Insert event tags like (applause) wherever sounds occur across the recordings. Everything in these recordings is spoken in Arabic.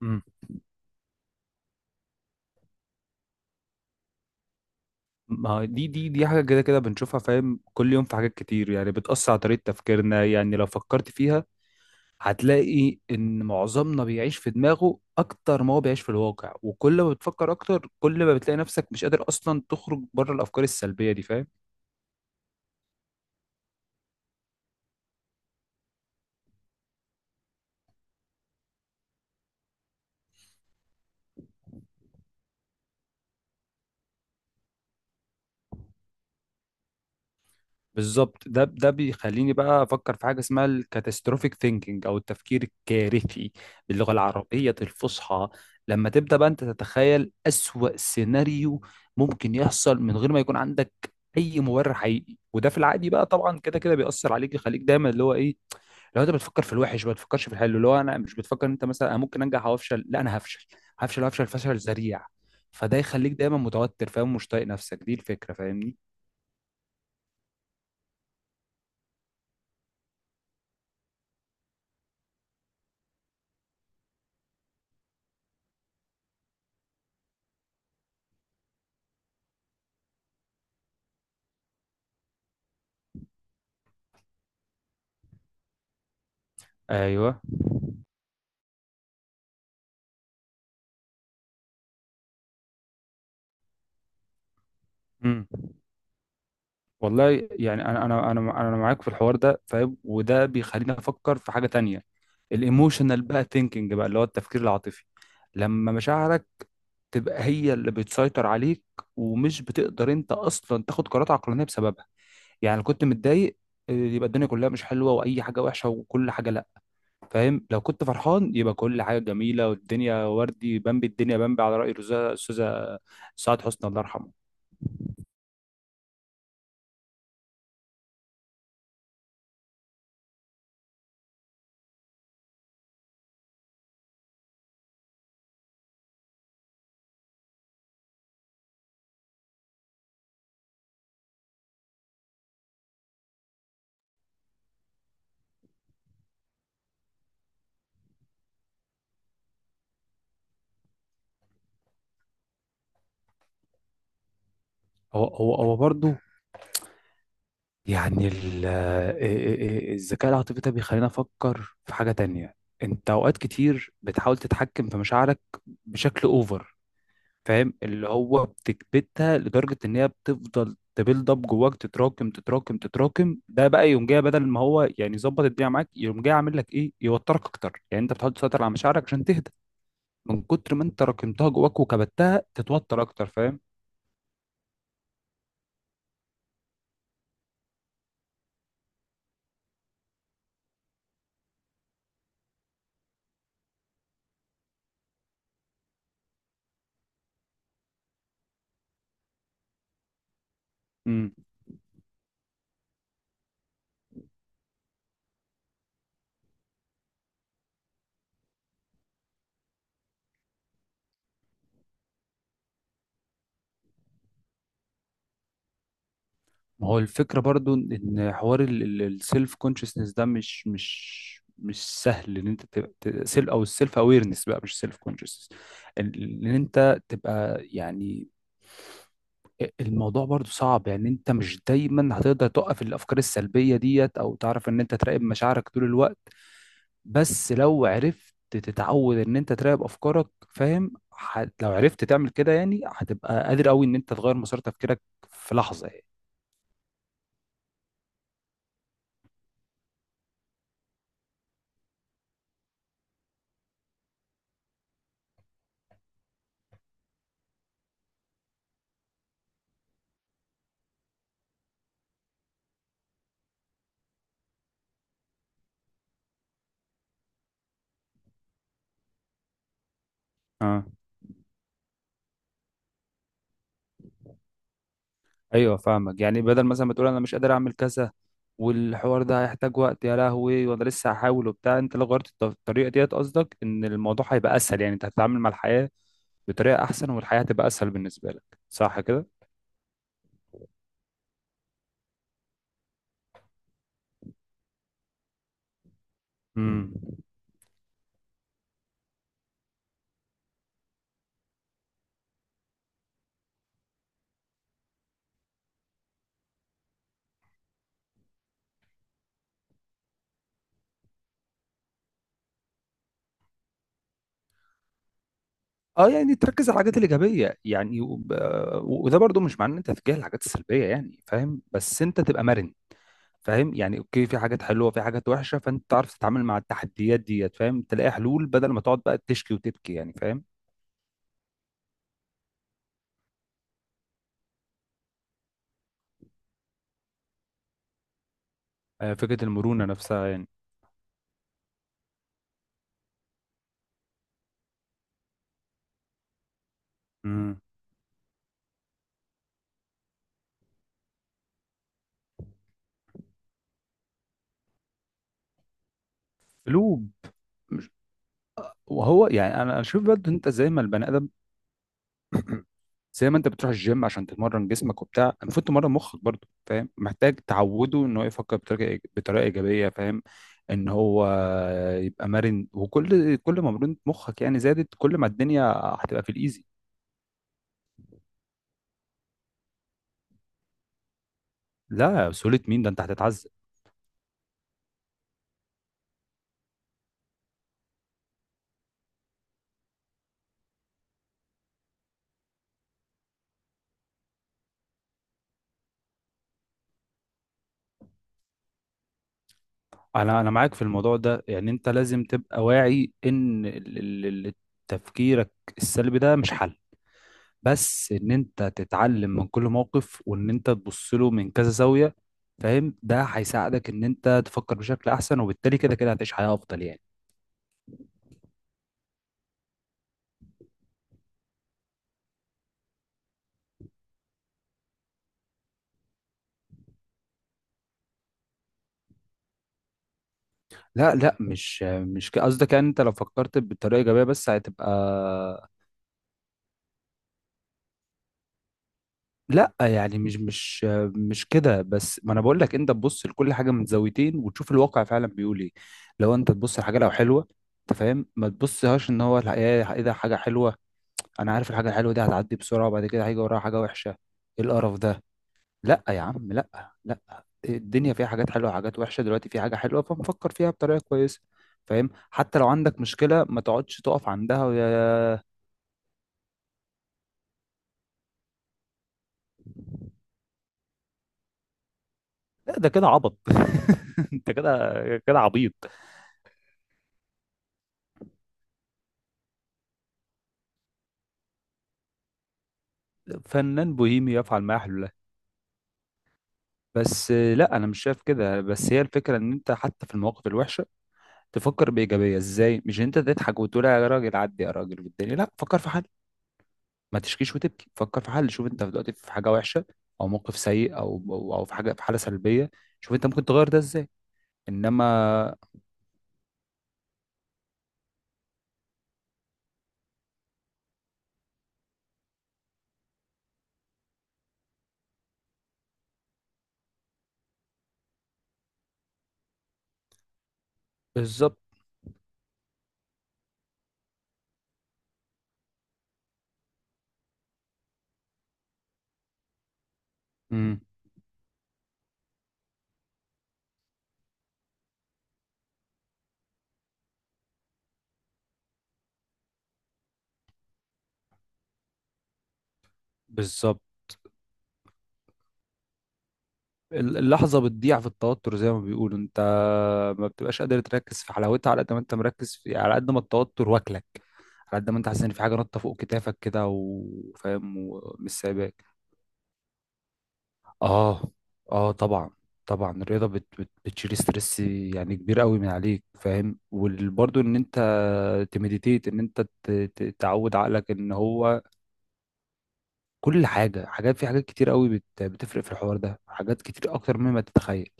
مم. ما هو دي حاجة كده كده بنشوفها فاهم، كل يوم في حاجات كتير يعني بتأثر على طريقة تفكيرنا. يعني لو فكرت فيها هتلاقي إن معظمنا بيعيش في دماغه أكتر ما هو بيعيش في الواقع، وكل ما بتفكر أكتر كل ما بتلاقي نفسك مش قادر أصلا تخرج بره الأفكار السلبية دي، فاهم؟ بالظبط، ده بيخليني بقى افكر في حاجه اسمها الكاتاستروفيك ثينكينج او التفكير الكارثي باللغه العربيه الفصحى. لما تبدا بقى انت تتخيل اسوأ سيناريو ممكن يحصل من غير ما يكون عندك اي مبرر حقيقي، وده في العادي بقى طبعا كده كده بيأثر عليك، يخليك دايما اللي هو ايه، لو انت بتفكر في الوحش ما بتفكرش في الحلو. اللي هو انا مش بتفكر إن انت مثلا انا ممكن انجح او افشل، لا انا هفشل هفشل هفشل فشل ذريع. فده يخليك دايما متوتر، فاهم، مش طايق نفسك، دي الفكره فاهمني؟ ايوه. امم والله يعني انا معاك في الحوار ده فاهم، وده بيخليني افكر في حاجه تانية، الايموشنال بقى ثينكينج بقى اللي هو التفكير العاطفي. لما مشاعرك تبقى هي اللي بتسيطر عليك ومش بتقدر انت اصلا تاخد قرارات عقلانيه بسببها. يعني لو كنت متضايق يبقى الدنيا كلها مش حلوه واي حاجه وحشه وكل حاجه لا. فاهم؟ لو كنت فرحان يبقى كل حاجه جميله والدنيا وردي بمبي، الدنيا بمبي على راي الاستاذه الأستاذة سعاد حسني الله يرحمه. هو برضه يعني (laughs) الذكاء العاطفي ده بيخلينا نفكر في حاجة تانية. انت اوقات كتير بتحاول تتحكم في مشاعرك بشكل اوفر، فاهم، اللي هو بتكبتها لدرجة ان هي بتفضل تبيلد اب جواك، تتراكم، ده بقى يوم جاي بدل ما هو يعني يظبط الدنيا معاك، يوم جاي عامل لك ايه، يوترك اكتر. يعني انت بتحاول تسيطر على مشاعرك عشان تهدى، من كتر ما انت راكمتها جواك وكبتها تتوتر اكتر، فاهم؟ إمم. ما هو الفكرة برضو إن حوار السيلف كونشسنس ده مش سهل، إن أنت تبقى سيلف أو السيلف أويرنس بقى، مش سيلف كونشسنس. إن أنت تبقى يعني الموضوع برضو صعب، يعني أنت مش دايما هتقدر توقف الأفكار السلبية ديت أو تعرف إن أنت تراقب مشاعرك طول الوقت. بس لو عرفت تتعود إن أنت تراقب أفكارك فاهم، لو عرفت تعمل كده يعني هتبقى قادر أوي إن أنت تغير مسار تفكيرك في لحظة. يعني ايوه فاهمك، يعني بدل مثلا ما تقول انا مش قادر اعمل كذا والحوار ده هيحتاج وقت يا لهوي وانا لسه هحاول وبتاع، انت لو غيرت الطريقه ديت قصدك ان الموضوع هيبقى اسهل، يعني انت هتتعامل مع الحياه بطريقه احسن، والحياه هتبقى اسهل بالنسبه لك، صح كده؟ امم اه يعني تركز على الحاجات الايجابيه يعني، وده برضو مش معناه ان انت تتجاهل الحاجات السلبيه يعني فاهم، بس انت تبقى مرن. فاهم؟ يعني اوكي في حاجات حلوه في حاجات وحشه، فانت تعرف تتعامل مع التحديات ديت فاهم، تلاقي حلول بدل ما تقعد بقى تشكي وتبكي، يعني فاهم؟ آه، فكرة المرونة نفسها يعني. امم قلوب. وهو يعني انا اشوف برضه انت زي ما البني ادم (clears throat) زي ما انت بتروح الجيم عشان تتمرن جسمك وبتاع، المفروض تمرن مخك برضه فاهم، محتاج تعوده ان هو يفكر بطريقه ايجابيه فاهم، ان هو يبقى مرن. وكل كل ما مرونة مخك يعني زادت كل ما الدنيا هتبقى في الايزي. لا سهولة مين، ده انت هتتعذب. انا معاك في الموضوع ده، يعني انت لازم تبقى واعي ان تفكيرك السلبي ده مش حل، بس ان انت تتعلم من كل موقف وان انت تبص له من كذا زاوية فاهم، ده هيساعدك ان انت تفكر بشكل احسن وبالتالي كده كده هتعيش حياة افضل يعني. لا لا مش مش ك- قصدك يعني انت لو فكرت بطريقة ايجابية بس هتبقى. لا يعني مش كده، بس ما انا بقول لك انت تبص لكل حاجة من زاويتين وتشوف الواقع فعلا بيقول ايه. لو انت تبص لحاجة لو حلوة انت فاهم ما تبصهاش ان هو الحقيقة ايه، ده حاجة حلوة، انا عارف الحاجة الحلوة دي هتعدي بسرعة وبعد كده هيجي وراها حاجة وحشة، ايه القرف ده. لا يا عم لا، لا الدنيا فيها حاجات حلوه وحاجات وحشه، دلوقتي في حاجه حلوه فنفكر فيها بطريقه كويسه فاهم، حتى لو عندك مشكله ما تقعدش تقف عندها ويا. إيه ده، كده عبط (laughs) انت كده كده عبيط. فنان بوهيمي يفعل ما يحلو له. بس لا انا مش شايف كده، بس هي الفكره ان انت حتى في المواقف الوحشه تفكر بايجابيه ازاي، مش إن انت تضحك وتقول يا راجل عدي يا راجل والدنيا، لا فكر في حل، ما تشكيش وتبكي فكر في حل. شوف انت دلوقتي في حاجه وحشه او موقف سيء أو في حاجه في حاله سلبيه، شوف انت ممكن تغير ده ازاي. انما بالظبط. امم بالظبط. اللحظه بتضيع في التوتر زي ما بيقولوا، انت ما بتبقاش قادر تركز في حلاوتها على قد ما انت مركز في، على قد ما التوتر واكلك، على قد ما انت حاسس ان في حاجه نطه فوق كتافك كده وفاهم ومش سايباك. اه. اه طبعا، طبعا الرياضه بت بت بتشيل ستريس يعني كبير قوي من عليك فاهم، وبرضه ان انت تمديتيت ان انت تعود عقلك ان هو كل حاجه، حاجات، في حاجات كتير قوي بتفرق في الحوار ده، حاجات كتير اكتر مما تتخيل.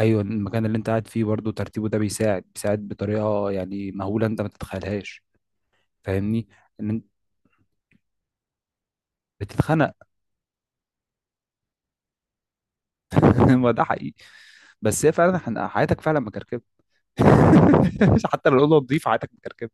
ايوه المكان اللي انت قاعد فيه برضه ترتيبه ده بيساعد بطريقه يعني مهوله انت ما تتخيلهاش. فاهمني، ان انت بتتخنق. (laughs) ما ده حقيقي، بس هي فعلا حياتك فعلا مكركبه. (laughs) حتى لو الاوضه نظيفه حياتك مكركبه.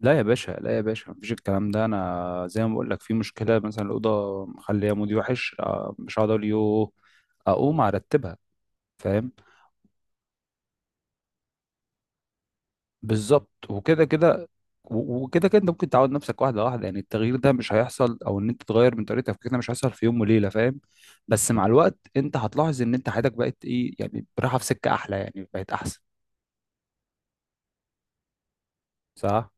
لا يا باشا لا يا باشا مفيش الكلام ده، انا زي ما بقول لك في مشكله مثلا الاوضه مخليه مودي وحش، آه، مش هقعد اقول يوه، اقوم ارتبها فاهم. بالظبط وكده كده، وكده كده انت ممكن تعود نفسك واحده واحده، يعني التغيير ده مش هيحصل او ان انت تغير من طريقه تفكيرك ده مش هيحصل في يوم وليله فاهم، بس مع الوقت انت هتلاحظ ان انت حياتك بقت ايه يعني، رايحه في سكه احلى يعني، بقت احسن. صح.